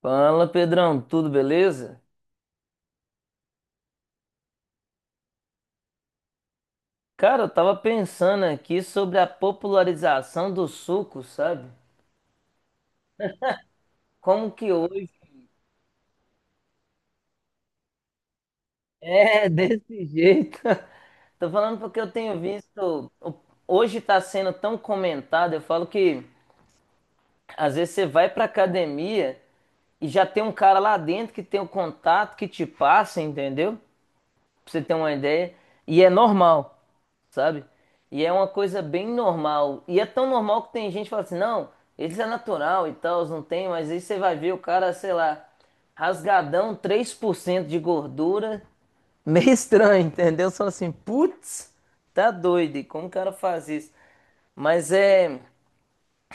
Fala, Pedrão, tudo beleza? Cara, eu tava pensando aqui sobre a popularização do suco, sabe? Como que hoje é desse jeito? Tô falando porque eu tenho visto, hoje tá sendo tão comentado. Eu falo que às vezes você vai pra academia e já tem um cara lá dentro que tem o contato que te passa, entendeu? Pra você ter uma ideia. E é normal, sabe? E é uma coisa bem normal. E é tão normal que tem gente que fala assim, não, eles é natural e tal, não tem, mas aí você vai ver o cara, sei lá, rasgadão, 3% de gordura, meio estranho, entendeu? Só assim, putz, tá doido, e como o cara faz isso? Mas é,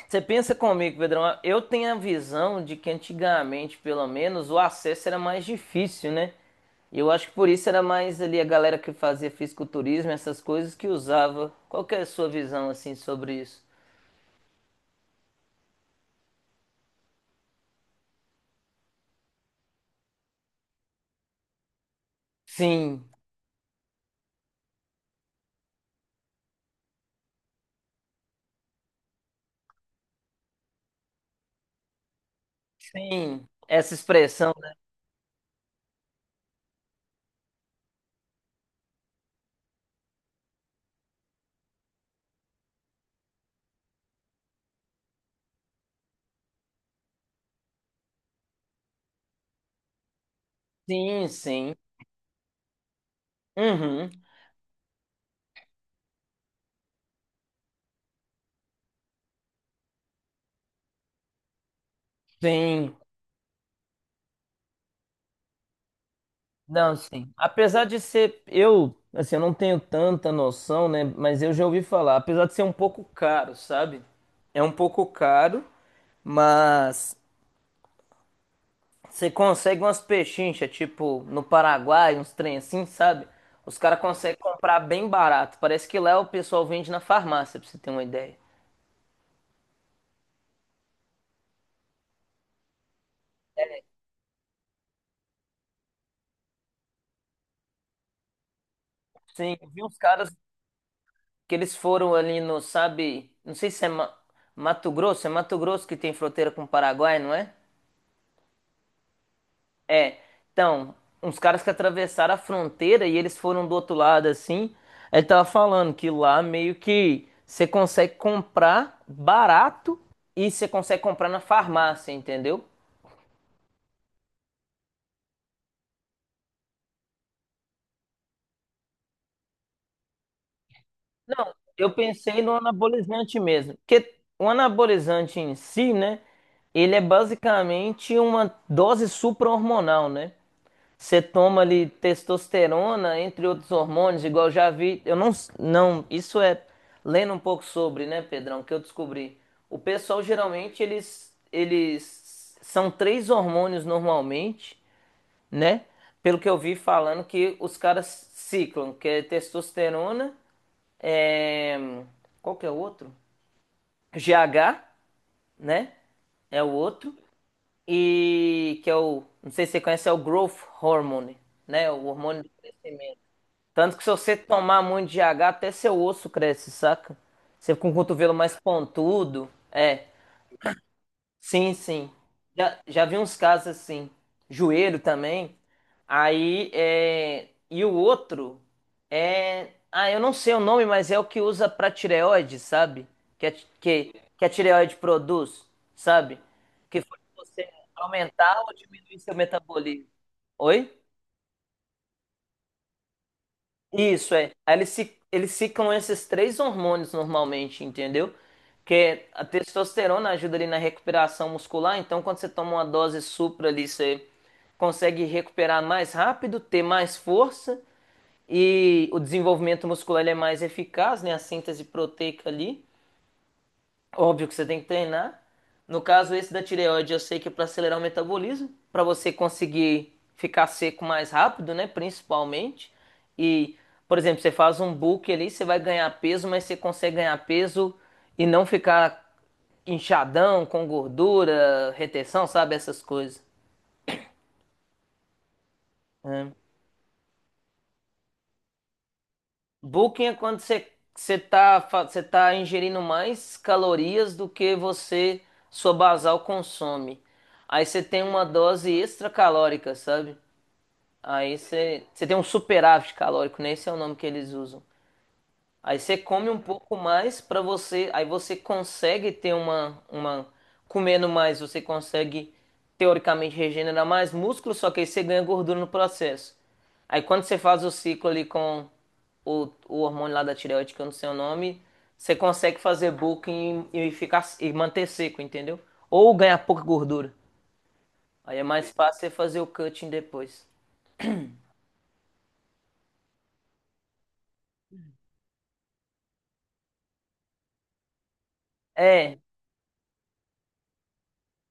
você pensa comigo, Pedrão. Eu tenho a visão de que antigamente, pelo menos, o acesso era mais difícil, né? E eu acho que por isso era mais ali a galera que fazia fisiculturismo, essas coisas que usava. Qual que é a sua visão, assim, sobre isso? Sim, sim. Essa expressão, né? Sim, sim. Uhum. Sim, não, sim. Apesar de ser, eu, assim, eu não tenho tanta noção, né? Mas eu já ouvi falar, apesar de ser um pouco caro, sabe? É um pouco caro, mas você consegue umas pechinchas, tipo, no Paraguai, uns trem assim, sabe? Os caras conseguem comprar bem barato. Parece que lá o pessoal vende na farmácia, pra você ter uma ideia. Sim, eu vi uns caras que eles foram ali no, sabe? Não sei se é Mato Grosso, é Mato Grosso que tem fronteira com o Paraguai, não é? É. Então, uns caras que atravessaram a fronteira e eles foram do outro lado assim. Ele tava falando que lá meio que você consegue comprar barato e você consegue comprar na farmácia, entendeu? Não, eu pensei no anabolizante mesmo, porque o anabolizante em si, né, ele é basicamente uma dose supra-hormonal, né? Você toma ali testosterona, entre outros hormônios, igual eu já vi, eu não, não, isso é lendo um pouco sobre, né, Pedrão, que eu descobri. O pessoal geralmente eles são 3 hormônios normalmente, né? Pelo que eu vi falando que os caras ciclam, que é testosterona é, qual que é o outro? GH, né? É o outro. E que é o, não sei se você conhece, é o Growth Hormone, né? O hormônio do crescimento. Tanto que se você tomar muito GH, até seu osso cresce, saca? Você fica com o cotovelo mais pontudo. É. Sim, sim. Já vi uns casos assim. Joelho também. Aí, é... e o outro é. Ah, eu não sei o nome, mas é o que usa pra tireoide, sabe? Que a, que, a tireoide produz, sabe? Que faz você aumentar ou diminuir seu metabolismo. Oi? Isso é. Aí eles, se, eles ficam esses 3 hormônios normalmente, entendeu? Que é a testosterona ajuda ali na recuperação muscular, então quando você toma uma dose supra ali, você consegue recuperar mais rápido, ter mais força e o desenvolvimento muscular ele é mais eficaz, né? A síntese proteica ali. Óbvio que você tem que treinar. No caso, esse da tireoide, eu sei que é para acelerar o metabolismo, para você conseguir ficar seco mais rápido, né? Principalmente. E, por exemplo, você faz um bulk ali, você vai ganhar peso, mas você consegue ganhar peso e não ficar inchadão, com gordura, retenção, sabe? Essas coisas. É. Bulking é quando você você tá, você tá ingerindo mais calorias do que você, sua basal consome. Aí você tem uma dose extra calórica, sabe? Aí você, você tem um superávit calórico, né? Esse é o nome que eles usam. Aí você come um pouco mais para você, aí você consegue ter uma comendo mais, você consegue teoricamente regenerar mais músculo, só que aí você ganha gordura no processo. Aí quando você faz o ciclo ali com o hormônio lá da tireoide, que eu não sei o nome, você consegue fazer bulking e ficar e manter seco, entendeu? Ou ganhar pouca gordura. Aí é mais fácil você fazer o cutting depois. É,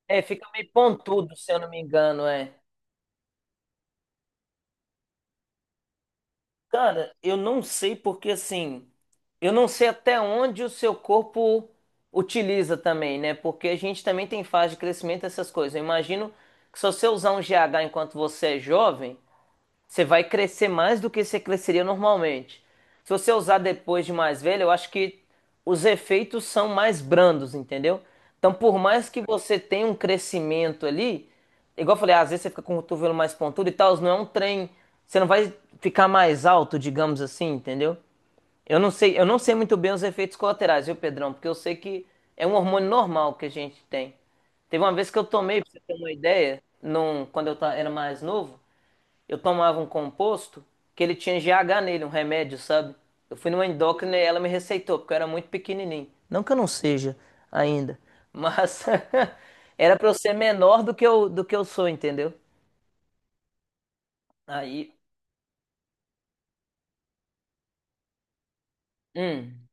é, fica meio pontudo, se eu não me engano, é. Cara, eu não sei porque assim, eu não sei até onde o seu corpo utiliza também, né? Porque a gente também tem fase de crescimento, essas coisas. Eu imagino que se você usar um GH enquanto você é jovem, você vai crescer mais do que você cresceria normalmente. Se você usar depois de mais velho, eu acho que os efeitos são mais brandos, entendeu? Então, por mais que você tenha um crescimento ali, igual eu falei, às vezes você fica com o cotovelo mais pontudo e tal, não é um trem, você não vai ficar mais alto, digamos assim, entendeu? Eu não sei muito bem os efeitos colaterais, viu, Pedrão? Porque eu sei que é um hormônio normal que a gente tem. Teve uma vez que eu tomei, pra você ter uma ideia, num, quando eu era mais novo, eu tomava um composto que ele tinha GH nele, um remédio, sabe? Eu fui numa endócrina e ela me receitou, porque eu era muito pequenininho. Não que eu não seja ainda, mas era pra eu ser menor do que eu sou, entendeu? Aí, hum,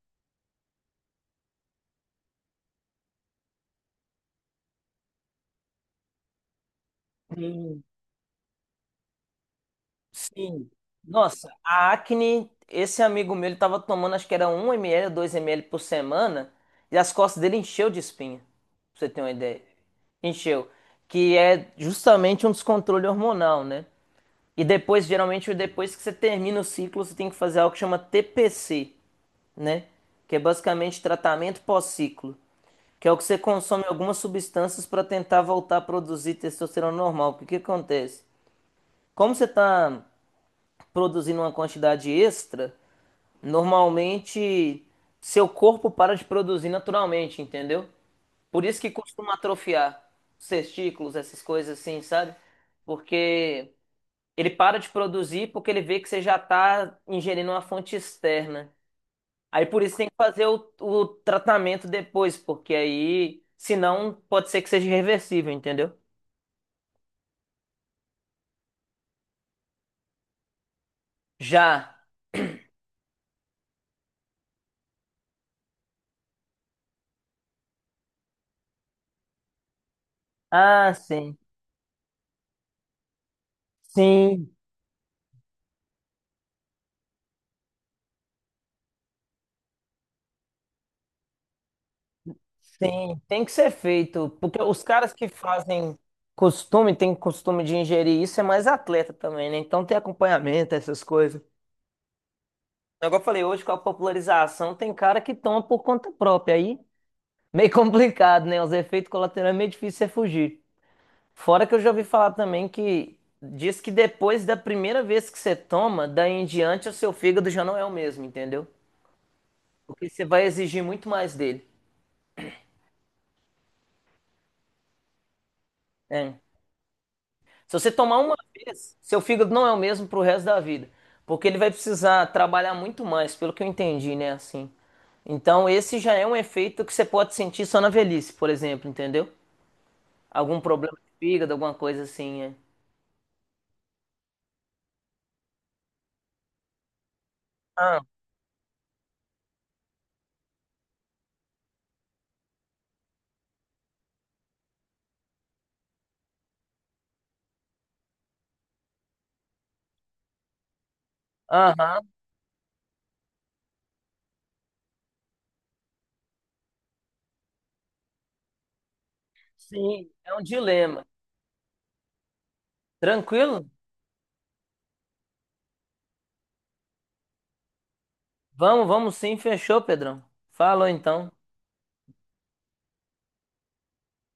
sim. Nossa, a acne, esse amigo meu, ele tava tomando, acho que era 1 ml, ou 2 ml por semana, e as costas dele encheu de espinha, pra você ter uma ideia. Encheu. Que é justamente um descontrole hormonal, né? E depois, geralmente, depois que você termina o ciclo, você tem que fazer algo que chama TPC, né? Que é basicamente tratamento pós-ciclo, que é o que você consome algumas substâncias para tentar voltar a produzir testosterona normal. Porque o que acontece? Como você está produzindo uma quantidade extra, normalmente seu corpo para de produzir naturalmente, entendeu? Por isso que costuma atrofiar os testículos, essas coisas assim, sabe? Porque ele para de produzir porque ele vê que você já está ingerindo uma fonte externa. Aí por isso tem que fazer o tratamento depois, porque aí, senão, pode ser que seja irreversível, entendeu? Já. Ah, sim. Sim, sim. Tem que ser feito, porque os caras que fazem costume, tem costume de ingerir isso, é mais atleta também, né? Então tem acompanhamento, essas coisas. Agora eu falei, hoje com a popularização, tem cara que toma por conta própria. Aí meio complicado, né? Os efeitos colaterais é meio difícil você fugir. Fora que eu já ouvi falar também que diz que depois da primeira vez que você toma, daí em diante o seu fígado já não é o mesmo, entendeu? Porque você vai exigir muito mais dele. É. Se você tomar uma vez, seu fígado não é o mesmo pro resto da vida. Porque ele vai precisar trabalhar muito mais, pelo que eu entendi, né? Assim. Então, esse já é um efeito que você pode sentir só na velhice, por exemplo, entendeu? Algum problema de fígado, alguma coisa assim, é. Ah, aham, sim, é um dilema. Tranquilo? Vamos, vamos sim, fechou, Pedrão. Falou então.